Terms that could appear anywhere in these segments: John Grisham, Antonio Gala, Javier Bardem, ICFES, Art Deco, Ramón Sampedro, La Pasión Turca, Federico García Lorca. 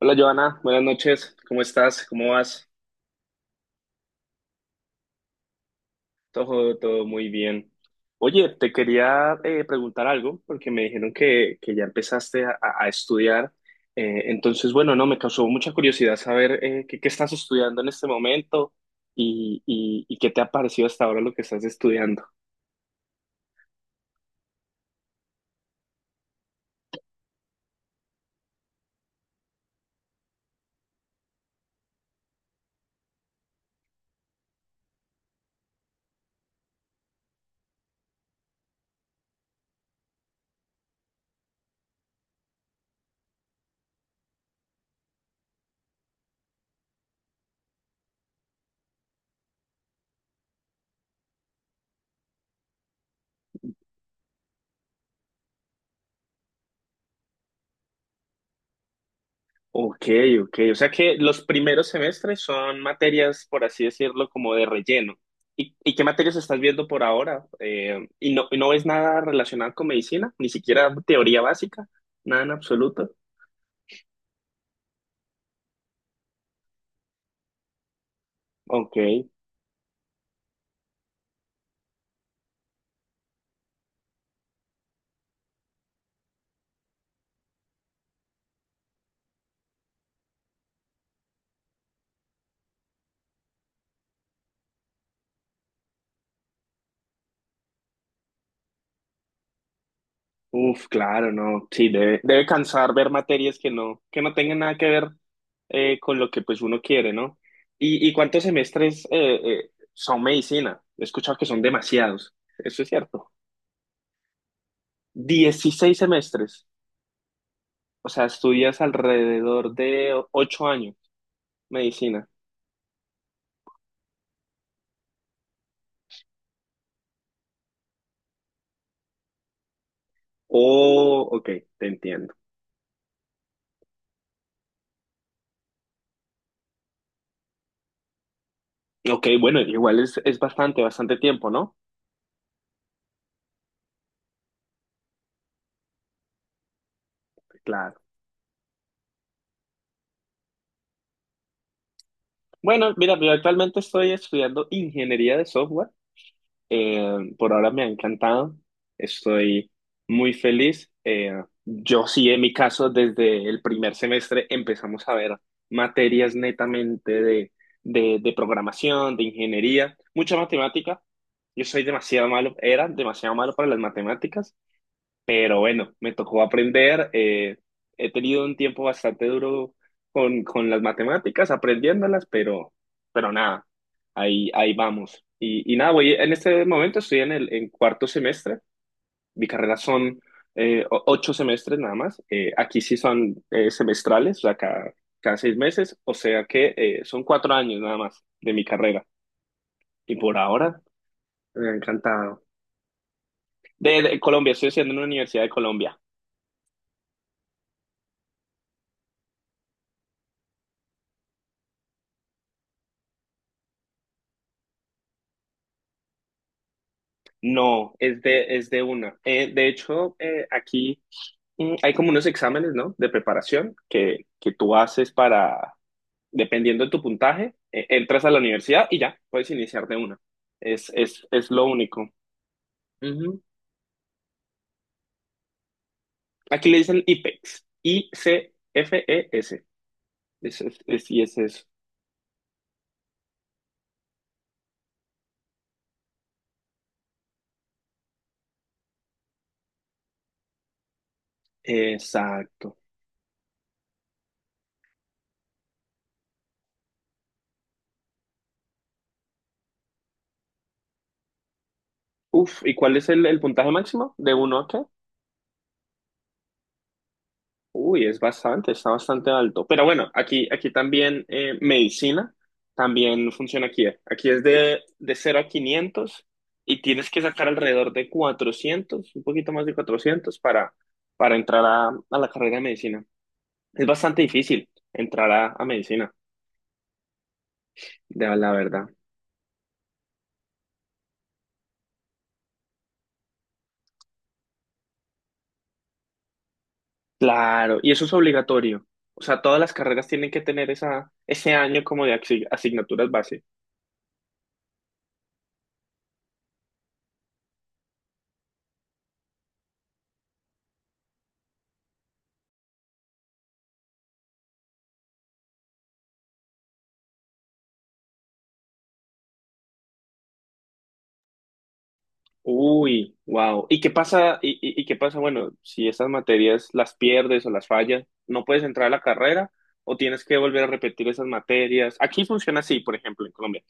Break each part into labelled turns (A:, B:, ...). A: Hola Joana, buenas noches, ¿cómo estás? ¿Cómo vas? Todo muy bien. Oye, te quería preguntar algo porque me dijeron que ya empezaste a estudiar. Entonces, bueno, no, me causó mucha curiosidad saber qué estás estudiando en este momento y qué te ha parecido hasta ahora lo que estás estudiando. Ok, ok. O sea que los primeros semestres son materias, por así decirlo, como de relleno. ¿Y qué materias estás viendo por ahora? ¿Y no ves nada relacionado con medicina? ¿Ni siquiera teoría básica? Nada en absoluto. Ok. Uf, claro, no. Sí, debe cansar ver materias que no tengan nada que ver con lo que pues uno quiere, ¿no? ¿Y cuántos semestres son medicina? He escuchado que son demasiados. Eso es cierto. 16 semestres. O sea, estudias alrededor de ocho años medicina. Oh, ok, te entiendo. Ok, bueno, igual es bastante, bastante tiempo, ¿no? Claro. Bueno, mira, yo actualmente estoy estudiando ingeniería de software. Por ahora me ha encantado, estoy muy feliz. Yo sí, en mi caso, desde el primer semestre empezamos a ver materias netamente de programación, de ingeniería, mucha matemática. Yo soy demasiado malo, era demasiado malo para las matemáticas. Pero bueno, me tocó aprender. He tenido un tiempo bastante duro con las matemáticas, aprendiéndolas, pero, nada, ahí vamos. Y nada, voy, en este momento estoy en cuarto semestre. Mi carrera son 8 semestres nada más. Aquí sí son semestrales, o sea, cada 6 meses, o sea que son 4 años nada más de mi carrera. Y por ahora, me ha encantado. De Colombia, estoy haciendo en una universidad de Colombia. No, es de una. De hecho, aquí hay como unos exámenes, ¿no? De preparación que tú haces para, dependiendo de tu puntaje, entras a la universidad y ya, puedes iniciar de una. Es lo único. Ujú. Aquí le dicen IPEX. ICFES. Y es eso. Exacto. Uf, ¿y cuál es el puntaje máximo? ¿De uno a qué? Uy, es bastante, está bastante alto. Pero bueno, aquí, también medicina también funciona aquí. Aquí es de 0 a 500 y tienes que sacar alrededor de 400, un poquito más de 400 para entrar a la carrera de medicina. Es bastante difícil entrar a medicina, de la verdad. Claro, y eso es obligatorio. O sea, todas las carreras tienen que tener esa, ese año como de asignaturas. Uy, wow. ¿Y qué pasa? ¿Y qué pasa? Bueno, si esas materias las pierdes o las fallas, ¿no puedes entrar a la carrera o tienes que volver a repetir esas materias? Aquí funciona así, por ejemplo, en Colombia.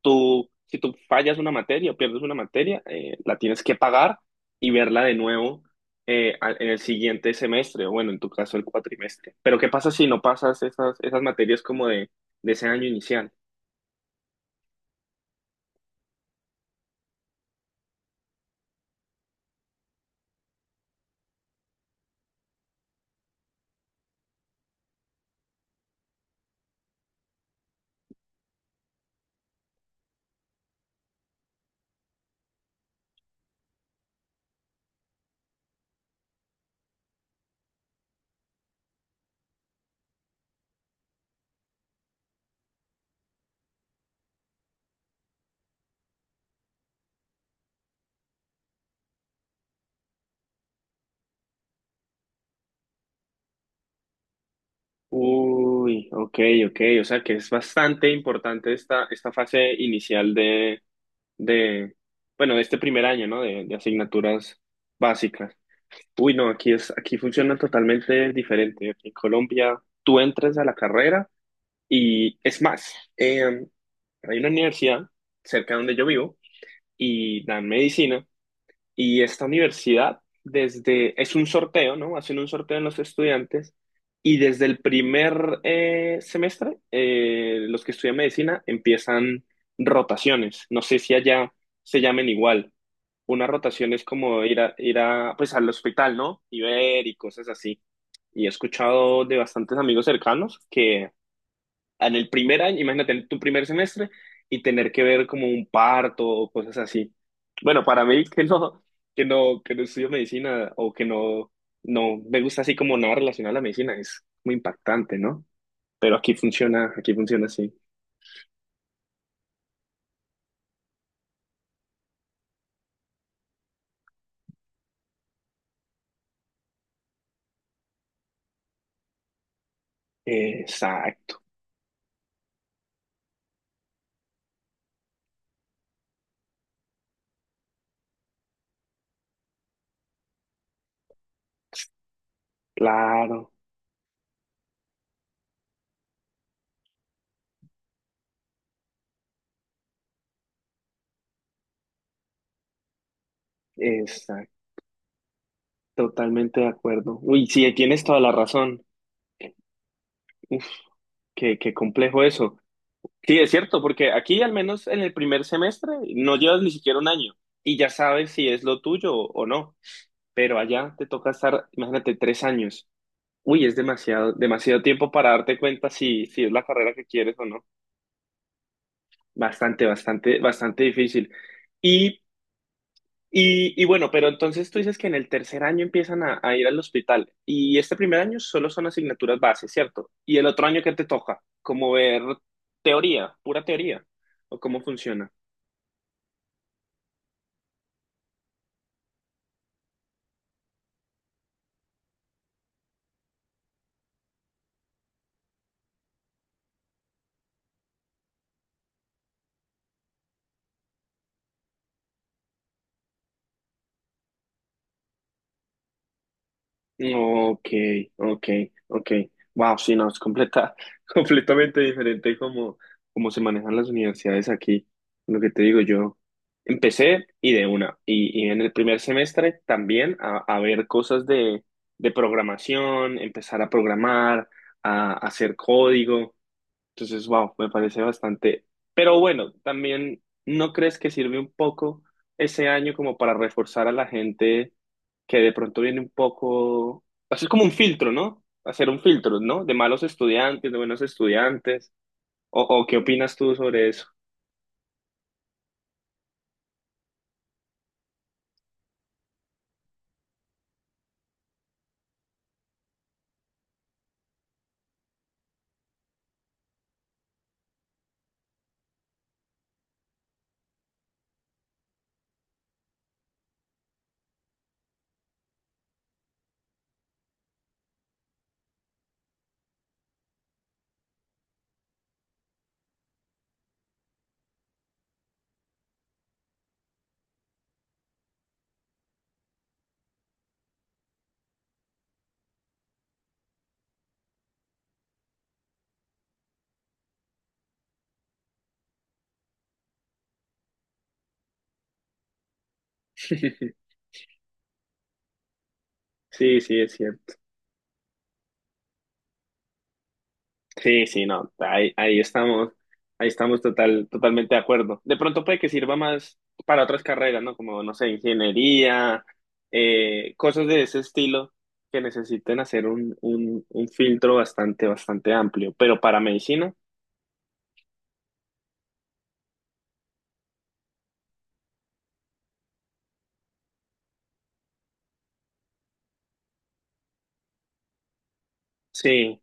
A: Si tú fallas una materia o pierdes una materia, la tienes que pagar y verla de nuevo en el siguiente semestre, o bueno, en tu caso el cuatrimestre. Pero ¿qué pasa si no pasas esas, materias como de ese año inicial? Uy, ok, ok, o sea que es bastante importante esta, fase inicial de, bueno, de este primer año, ¿no? De asignaturas básicas. Uy, no, aquí funciona totalmente diferente. Aquí en Colombia tú entras a la carrera y es más, hay una universidad cerca de donde yo vivo y dan medicina y esta universidad, es un sorteo, ¿no? Hacen un sorteo en los estudiantes y desde el primer semestre, los que estudian medicina empiezan rotaciones. No sé si allá se llamen igual. Una rotación es como ir a, pues al hospital, ¿no? Y ver y cosas así. Y he escuchado de bastantes amigos cercanos que en el primer año, imagínate, en tu primer semestre y tener que ver como un parto o cosas así. Bueno, para mí que no estudio medicina o que no me gusta así como nada relacionado a la medicina, es muy impactante, ¿no? Pero aquí funciona así. Exacto, claro, exacto, totalmente de acuerdo. Uy, sí, tienes toda la razón. Uf, qué complejo eso. Sí, es cierto, porque aquí al menos en el primer semestre no llevas ni siquiera un año y ya sabes si es lo tuyo o no, pero allá te toca estar, imagínate, 3 años. Uy, es demasiado, demasiado tiempo para darte cuenta si, es la carrera que quieres o no. Bastante, bastante, bastante difícil. Y, y bueno, pero entonces tú dices que en el tercer año empiezan a ir al hospital y este primer año solo son asignaturas base, ¿cierto? Y el otro año que te toca, como ver teoría, pura teoría, o cómo funciona. Ok, ok, ok. Wow, sí, no, es completamente diferente como, se manejan las universidades aquí. Lo que te digo, yo empecé y de una. Y en el primer semestre también a, ver cosas de programación, empezar a programar, a hacer código. Entonces, wow, me parece bastante. Pero bueno, también, ¿no crees que sirve un poco ese año como para reforzar a la gente? Que de pronto viene un poco, hacer como un filtro, ¿no? Hacer un filtro, ¿no? De malos estudiantes, de buenos estudiantes. ¿O qué opinas tú sobre eso? Sí, sí, es cierto. Sí, sí, no, ahí, estamos, ahí estamos totalmente de acuerdo. De pronto puede que sirva más para otras carreras, ¿no? Como, no sé, ingeniería, cosas de ese estilo que necesiten hacer un, filtro bastante, bastante amplio. Pero para medicina, sí,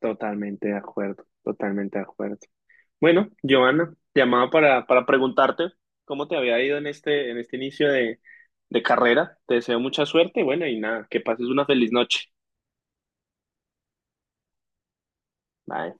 A: totalmente de acuerdo, totalmente de acuerdo. Bueno, Giovanna, te llamaba para, preguntarte cómo te había ido en este, inicio de carrera. Te deseo mucha suerte, bueno, y nada, que pases una feliz noche. Bye.